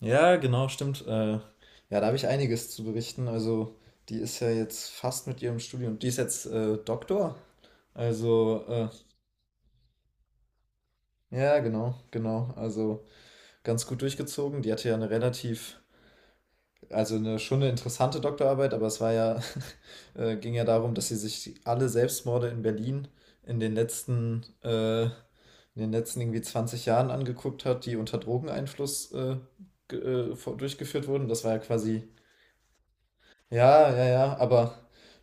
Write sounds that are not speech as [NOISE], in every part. Ja, genau, stimmt. Ja, da habe ich einiges zu berichten. Also, die ist ja jetzt fast mit ihrem Studium. Die ist jetzt Doktor. Also, äh, ja, genau, genau. Also, ganz gut durchgezogen. Die hatte ja eine relativ, also eine, schon eine interessante Doktorarbeit, aber es war ja, [LAUGHS] ging ja darum, dass sie sich alle Selbstmorde in Berlin in den letzten irgendwie 20 Jahren angeguckt hat, die unter Drogeneinfluss durchgeführt wurden. Das war ja quasi. Ja, ja, ja, aber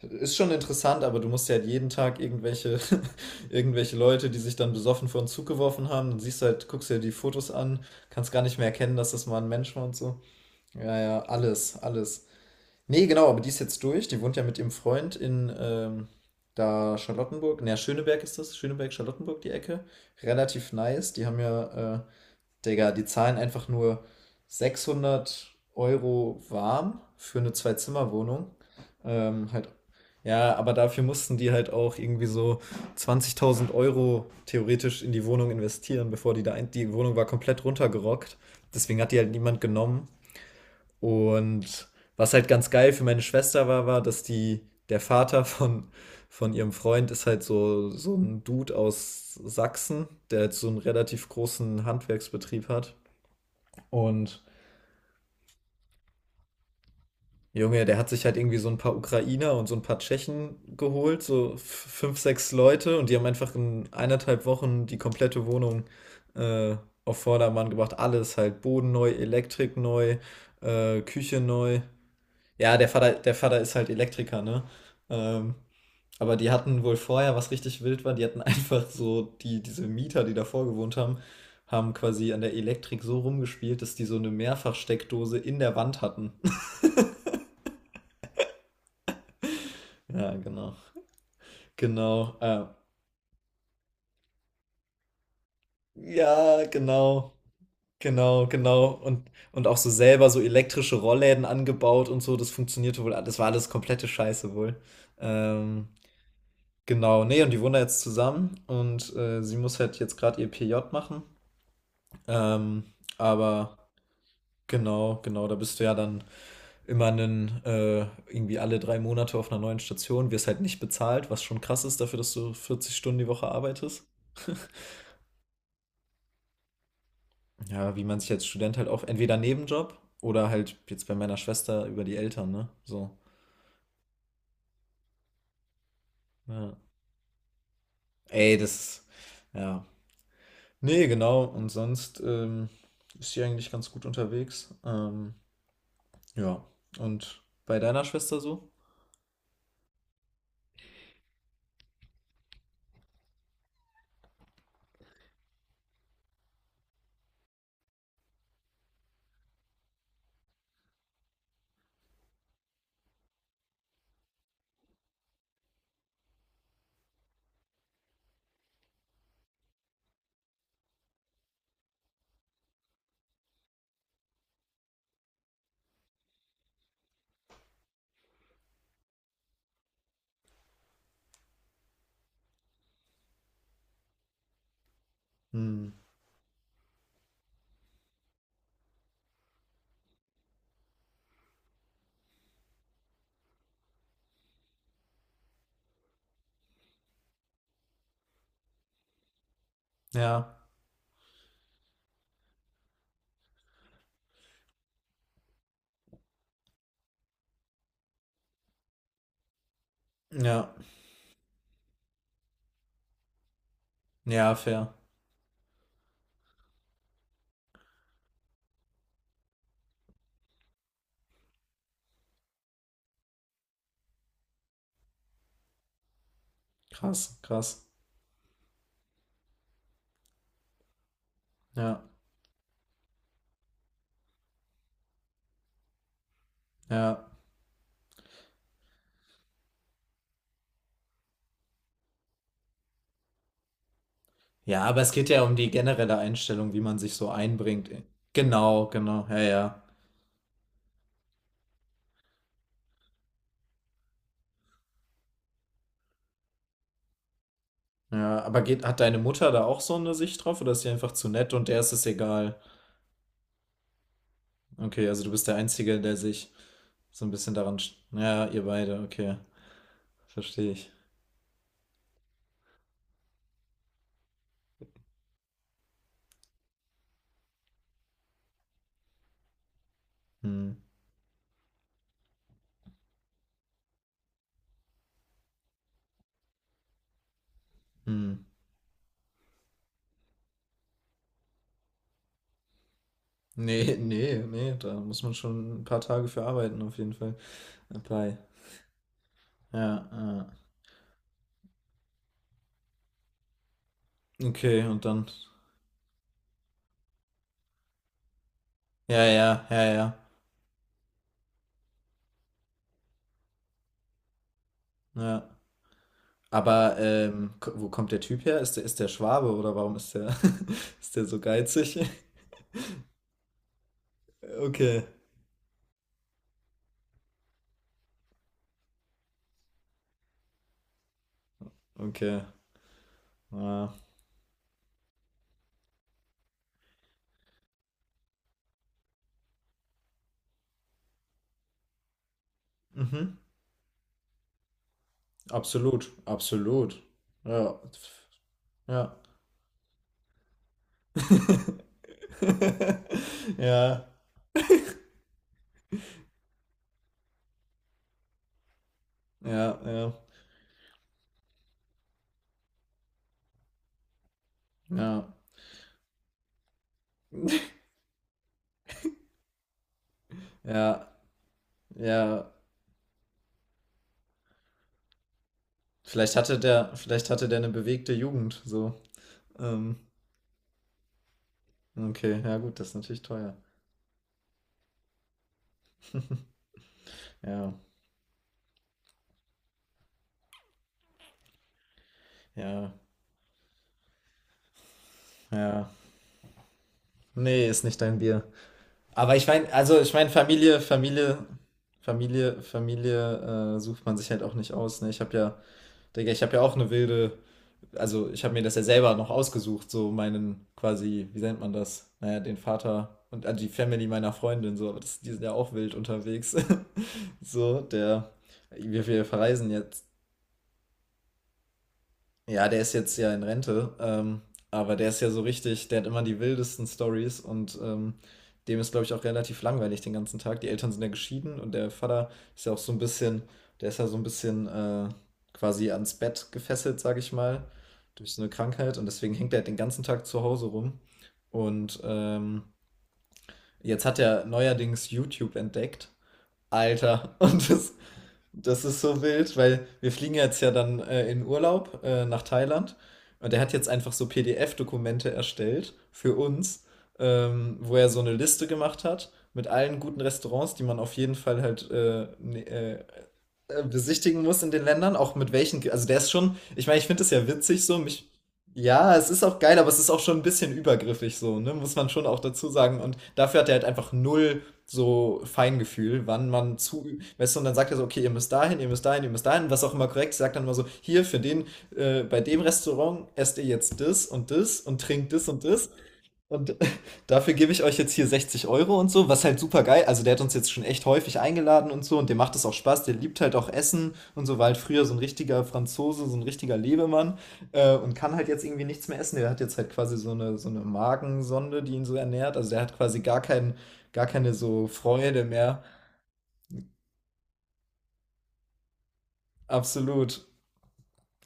ist schon interessant, aber du musst ja halt jeden Tag irgendwelche, [LAUGHS] irgendwelche Leute, die sich dann besoffen vor den Zug geworfen haben, dann siehst du halt, guckst dir die Fotos an, kannst gar nicht mehr erkennen, dass das mal ein Mensch war und so. Ja, ja, alles, alles. Nee, genau, aber die ist jetzt durch, die wohnt ja mit ihrem Freund in da Charlottenburg, naja, Schöneberg ist das, Schöneberg, Charlottenburg, die Ecke. Relativ nice, die haben ja Digga, die zahlen einfach nur 600 Euro warm für eine Zwei-Zimmer-Wohnung. Halt, ja, aber dafür mussten die halt auch irgendwie so 20.000 Euro theoretisch in die Wohnung investieren, bevor die Wohnung war komplett runtergerockt. Deswegen hat die halt niemand genommen. Und was halt ganz geil für meine Schwester war, war, dass die, der Vater von ihrem Freund ist halt so, so ein Dude aus Sachsen, der halt so einen relativ großen Handwerksbetrieb hat. Und Junge, der hat sich halt irgendwie so ein paar Ukrainer und so ein paar Tschechen geholt, so fünf, sechs Leute, und die haben einfach in 1,5 Wochen die komplette Wohnung äh, auf Vordermann gebracht. Alles halt, Boden neu, Elektrik neu, Küche neu. Der Vater ist halt Elektriker, ne? Ähm, aber die hatten wohl vorher, was richtig wild war, die hatten [LAUGHS] einfach so, die, diese Mieter, die davor gewohnt haben, haben quasi an der Elektrik so rumgespielt, dass die so eine Mehrfachsteckdose in der Wand hatten. Ja, genau. Genau. Ja, genau. Genau, genau. Und auch so selber so elektrische Rollläden angebaut und so, das funktionierte wohl. Das war alles komplette Scheiße wohl. Ähm, genau. Nee, und die wohnen da jetzt zusammen und sie muss halt jetzt gerade ihr PJ machen. Ähm, aber genau, genau, da bist du ja dann immer einen, äh, irgendwie alle 3 Monate auf einer neuen Station, wirst halt nicht bezahlt, was schon krass ist dafür, dass du 40 Stunden die Woche arbeitest. Ja, wie man sich als Student halt auch entweder Nebenjob oder halt jetzt bei meiner Schwester über die Eltern, ne? So. Ja. Ey, das. Ja. Nee, genau. Und sonst ist sie eigentlich ganz gut unterwegs. Ja. Und bei deiner Schwester so? Hm. Ja. Ja. Ja, fair. Krass, krass. Ja. Ja. Ja, aber es geht ja um die generelle Einstellung, wie man sich so einbringt. Genau, genau. Ja, ja. Ja, aber geht, hat deine Mutter da auch so eine Sicht drauf oder ist sie einfach zu nett und der ist es egal? Okay, also du bist der Einzige, der sich so ein bisschen daran. Ja, ihr beide, okay. Verstehe ich. Hm, hm. Nee, [LAUGHS] nee, nee, da muss man schon ein paar Tage für arbeiten, auf jeden Fall. Bei. Ja, ja. Okay, und dann. Ja, ja, ja, ja. Ja. Aber wo kommt der Typ her? Ist der Schwabe oder warum ist der, [LAUGHS] ist der so geizig? [LAUGHS] Okay, okay. Ja. Mhm. Absolut, absolut. Ja, ja. [LAUGHS] Ja, ja, ja, ja, ja, ja. Vielleicht hatte der eine bewegte Jugend, so. Ähm, okay, ja gut, das ist natürlich teuer. [LAUGHS] Ja, ja, ja. Nee, ist nicht dein Bier. Aber ich meine, also ich meine, Familie sucht man sich halt auch nicht aus. Ne? Ich habe ja, Digga, ich habe ja auch eine wilde, also ich habe mir das ja selber noch ausgesucht, so meinen quasi, wie nennt man das? Naja, den Vater und die Family meiner Freundin, so, aber das, die sind ja auch wild unterwegs. [LAUGHS] so, der, wir verreisen jetzt ja, der ist jetzt ja in Rente, aber der ist ja so richtig, der hat immer die wildesten Stories und dem ist, glaube ich, auch relativ langweilig den ganzen Tag. Die Eltern sind ja geschieden und der Vater ist ja auch so ein bisschen, der ist ja so ein bisschen quasi ans Bett gefesselt, sage ich mal, durch so eine Krankheit und deswegen hängt er halt den ganzen Tag zu Hause rum. Und jetzt hat er neuerdings YouTube entdeckt. Alter, [LAUGHS] das ist so wild, weil wir fliegen jetzt ja dann in Urlaub nach Thailand und er hat jetzt einfach so PDF-Dokumente erstellt für uns, wo er so eine Liste gemacht hat mit allen guten Restaurants, die man auf jeden Fall halt besichtigen muss in den Ländern, auch mit welchen, also der ist schon, ich meine, ich finde es ja witzig so, mich, ja, es ist auch geil, aber es ist auch schon ein bisschen übergriffig so, ne, muss man schon auch dazu sagen und dafür hat er halt einfach null so Feingefühl, wann man zu, weißt du, und dann sagt er so, okay, ihr müsst dahin, ihr müsst dahin, ihr müsst dahin, was auch immer korrekt, ist, sagt dann immer so, hier für den, bei dem Restaurant esst ihr jetzt das und das und trinkt das und das und [LAUGHS] dafür gebe ich euch jetzt hier 60 Euro und so, was halt super geil. Also der hat uns jetzt schon echt häufig eingeladen und so und dem macht es auch Spaß. Der liebt halt auch Essen und so, war halt früher so ein richtiger Franzose, so ein richtiger Lebemann und kann halt jetzt irgendwie nichts mehr essen. Der hat jetzt halt quasi so eine Magensonde, die ihn so ernährt. Also der hat quasi gar keinen, gar keine so Freude mehr. Absolut.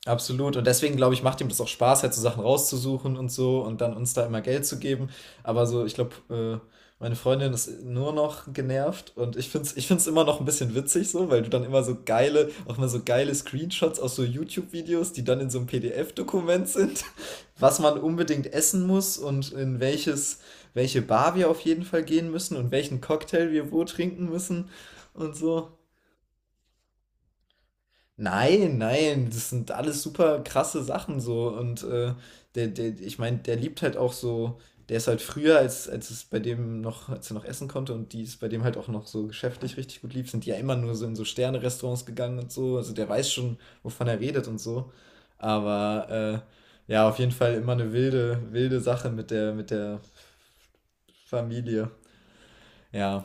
Absolut. Und deswegen, glaube ich, macht ihm das auch Spaß, halt so Sachen rauszusuchen und so und dann uns da immer Geld zu geben. Aber so, ich glaube, meine Freundin ist nur noch genervt und ich finde es ich find's immer noch ein bisschen witzig so, weil du dann immer so geile, auch mal so geile Screenshots aus so YouTube-Videos, die dann in so einem PDF-Dokument sind, [LAUGHS] was man unbedingt essen muss und in welches, welche Bar wir auf jeden Fall gehen müssen und welchen Cocktail wir wo trinken müssen und so. Nein, nein, das sind alles super krasse Sachen so. Und der, ich meine, der liebt halt auch so, der ist halt früher, als es bei dem noch, als er noch essen konnte und die es bei dem halt auch noch so geschäftlich richtig gut lief, sind die ja immer nur so in so Sterne-Restaurants gegangen und so. Also der weiß schon, wovon er redet und so. Aber ja, auf jeden Fall immer eine wilde Sache mit mit der Familie. Ja.